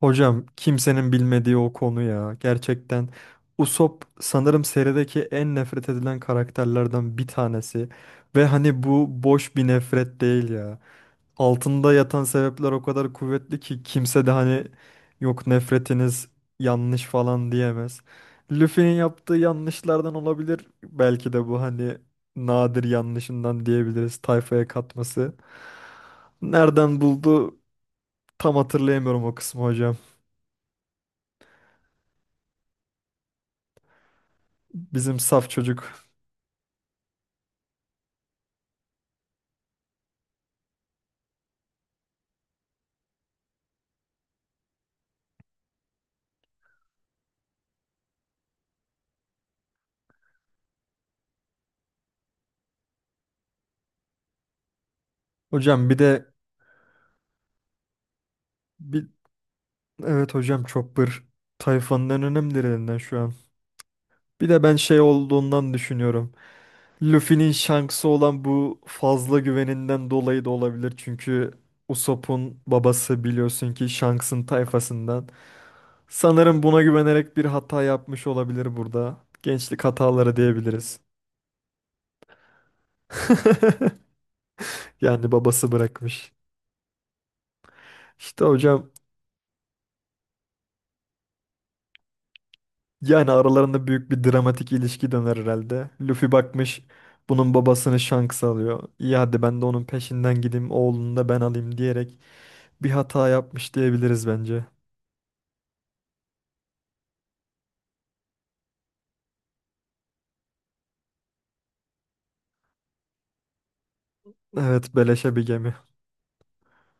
Hocam kimsenin bilmediği o konu ya. Gerçekten Usopp sanırım serideki en nefret edilen karakterlerden bir tanesi. Ve hani bu boş bir nefret değil ya. Altında yatan sebepler o kadar kuvvetli ki kimse de hani yok, nefretiniz yanlış falan diyemez. Luffy'nin yaptığı yanlışlardan olabilir. Belki de bu hani nadir yanlışından diyebiliriz, tayfaya katması. Nereden buldu, tam hatırlayamıyorum o kısmı hocam. Bizim saf çocuk. Hocam bir de bir evet hocam, Chopper tayfanın en önemlilerinden şu an. Bir de ben şey olduğundan düşünüyorum. Luffy'nin Shanks'ı olan bu fazla güveninden dolayı da olabilir. Çünkü Usopp'un babası biliyorsun ki Shanks'ın tayfasından. Sanırım buna güvenerek bir hata yapmış olabilir burada. Gençlik hataları diyebiliriz. Yani babası bırakmış. İşte hocam, yani aralarında büyük bir dramatik ilişki döner herhalde. Luffy bakmış bunun babasını Shanks alıyor. İyi, hadi ben de onun peşinden gideyim, oğlunu da ben alayım diyerek bir hata yapmış diyebiliriz bence. Evet, beleşe bir gemi.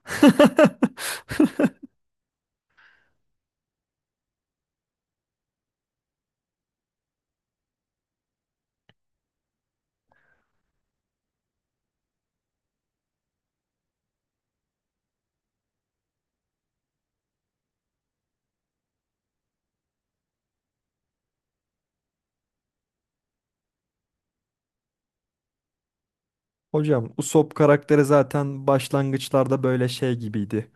Hocam Usopp karakteri zaten başlangıçlarda böyle şey gibiydi.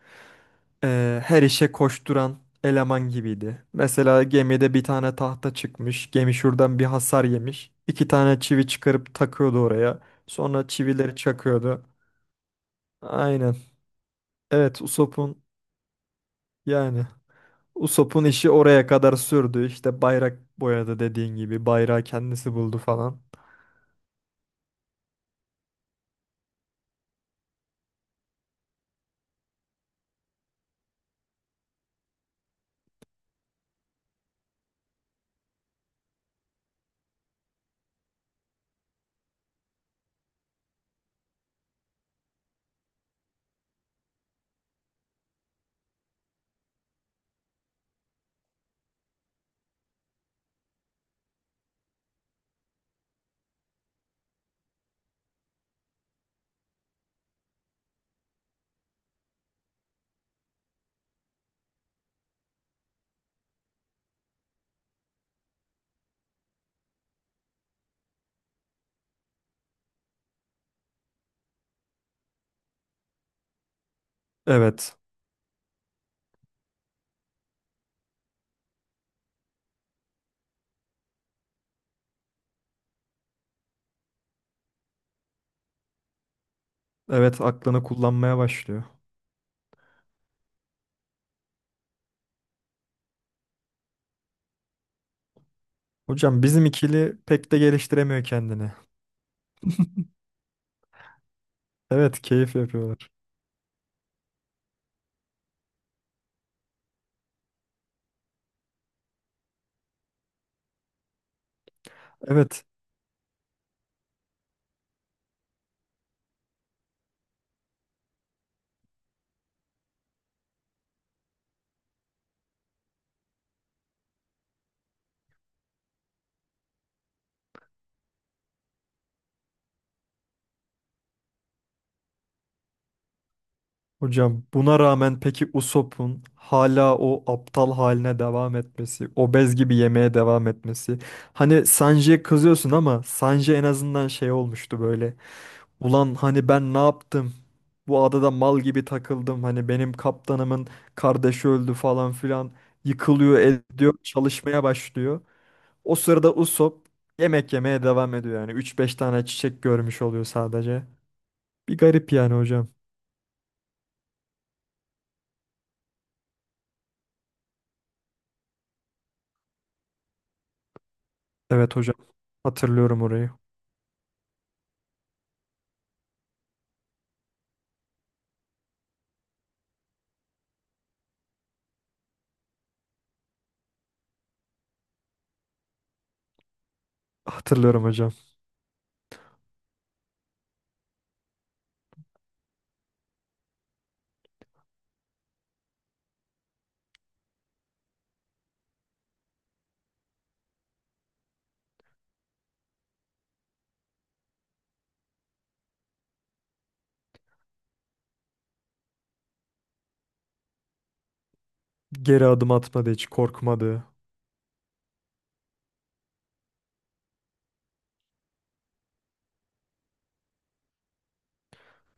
Her işe koşturan eleman gibiydi. Mesela gemide bir tane tahta çıkmış, gemi şuradan bir hasar yemiş. İki tane çivi çıkarıp takıyordu oraya. Sonra çivileri çakıyordu. Aynen. Evet, yani Usopp'un işi oraya kadar sürdü. İşte bayrak boyadı dediğin gibi. Bayrağı kendisi buldu falan. Evet. Evet, aklını kullanmaya başlıyor. Hocam bizim ikili pek de geliştiremiyor kendini. Evet, keyif yapıyorlar. Evet. Hocam buna rağmen peki Usopp'un hala o aptal haline devam etmesi, obez gibi yemeye devam etmesi. Hani Sanji'ye kızıyorsun ama Sanji en azından şey olmuştu böyle. Ulan hani ben ne yaptım? Bu adada mal gibi takıldım. Hani benim kaptanımın kardeşi öldü falan filan. Yıkılıyor, ediyor, çalışmaya başlıyor. O sırada Usopp yemek yemeye devam ediyor yani. Üç beş tane çiçek görmüş oluyor sadece. Bir garip yani hocam. Evet hocam. Hatırlıyorum orayı. Hatırlıyorum hocam. Geri adım atmadı, hiç korkmadı.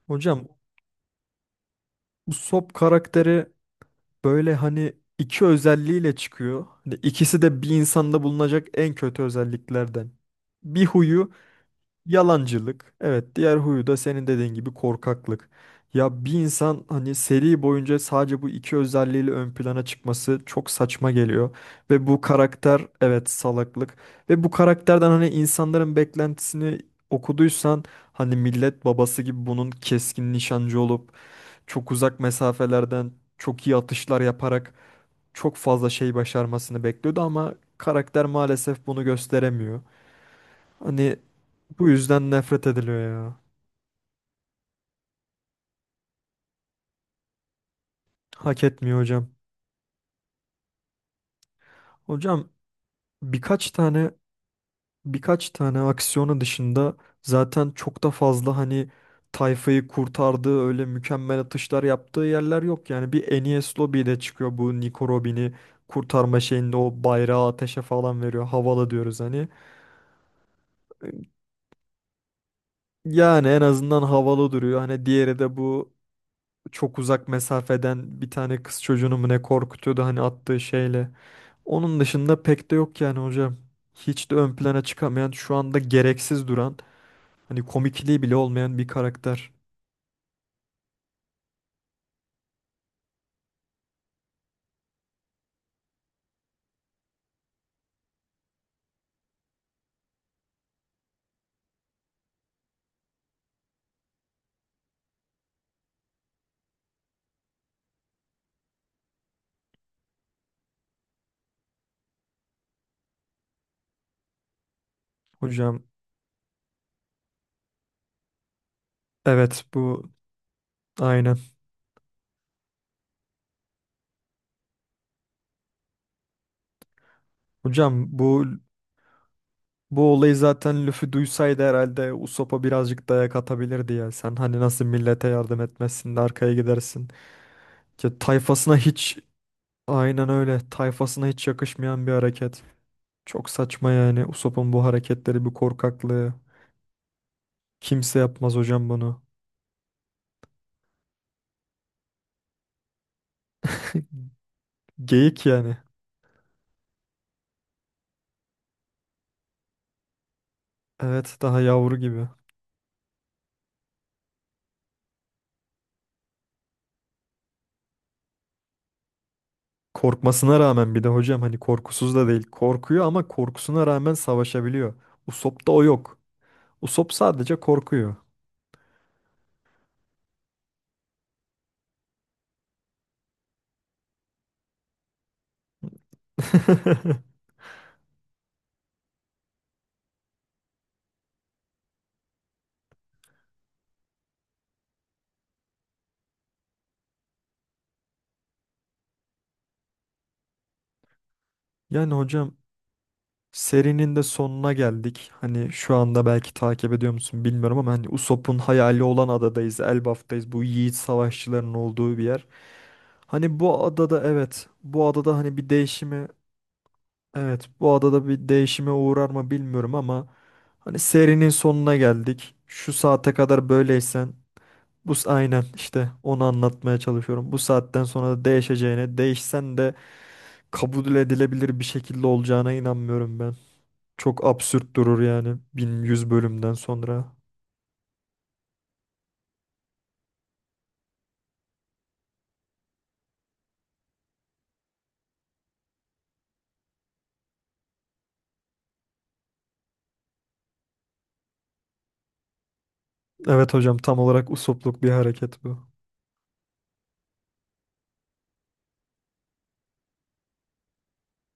Hocam bu Sop karakteri böyle hani iki özelliğiyle çıkıyor. Hani ikisi de bir insanda bulunacak en kötü özelliklerden. Bir huyu yalancılık. Evet, diğer huyu da senin dediğin gibi korkaklık. Ya bir insan hani seri boyunca sadece bu iki özelliğiyle ön plana çıkması çok saçma geliyor. Ve bu karakter evet, salaklık. Ve bu karakterden hani insanların beklentisini okuduysan, hani millet babası gibi bunun keskin nişancı olup çok uzak mesafelerden çok iyi atışlar yaparak çok fazla şey başarmasını bekliyordu ama karakter maalesef bunu gösteremiyor. Hani bu yüzden nefret ediliyor ya. Hak etmiyor hocam. Hocam birkaç tane, birkaç tane aksiyonu dışında zaten çok da fazla hani tayfayı kurtardığı öyle mükemmel atışlar yaptığı yerler yok. Yani bir Enes Lobby'de çıkıyor bu, Nico Robin'i kurtarma şeyinde o bayrağı ateşe falan veriyor. Havalı diyoruz hani. Yani en azından havalı duruyor. Hani diğeri de bu çok uzak mesafeden bir tane kız çocuğunu mu ne korkutuyordu hani attığı şeyle. Onun dışında pek de yok yani hocam. Hiç de ön plana çıkamayan, şu anda gereksiz duran, hani komikliği bile olmayan bir karakter. Hocam, evet, bu, aynen. Hocam bu olayı zaten Luffy duysaydı herhalde Usopp'a birazcık dayak atabilirdi ya. Sen hani nasıl millete yardım etmezsin de arkaya gidersin. Ya tayfasına hiç... Aynen öyle. Tayfasına hiç yakışmayan bir hareket. Çok saçma yani Usopp'un bu hareketleri, bu korkaklığı. Kimse yapmaz hocam bunu. Geyik yani. Evet, daha yavru gibi. Korkmasına rağmen bir de hocam hani korkusuz da değil. Korkuyor ama korkusuna rağmen savaşabiliyor. Usopp'ta o yok. Usopp sadece korkuyor. Yani hocam serinin de sonuna geldik. Hani şu anda belki takip ediyor musun bilmiyorum ama hani Usopp'un hayali olan adadayız. Elbaf'tayız. Bu yiğit savaşçıların olduğu bir yer. Hani bu adada, evet, bu adada hani bir değişimi... Evet, bu adada bir değişime uğrar mı bilmiyorum ama hani serinin sonuna geldik. Şu saate kadar böyleysen aynen, işte onu anlatmaya çalışıyorum. Bu saatten sonra da değişeceğine, değişsen de kabul edilebilir bir şekilde olacağına inanmıyorum ben. Çok absürt durur yani 1100 bölümden sonra. Evet hocam, tam olarak usopluk bir hareket bu.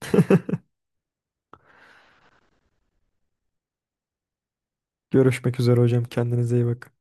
Görüşmek üzere hocam, kendinize iyi bakın.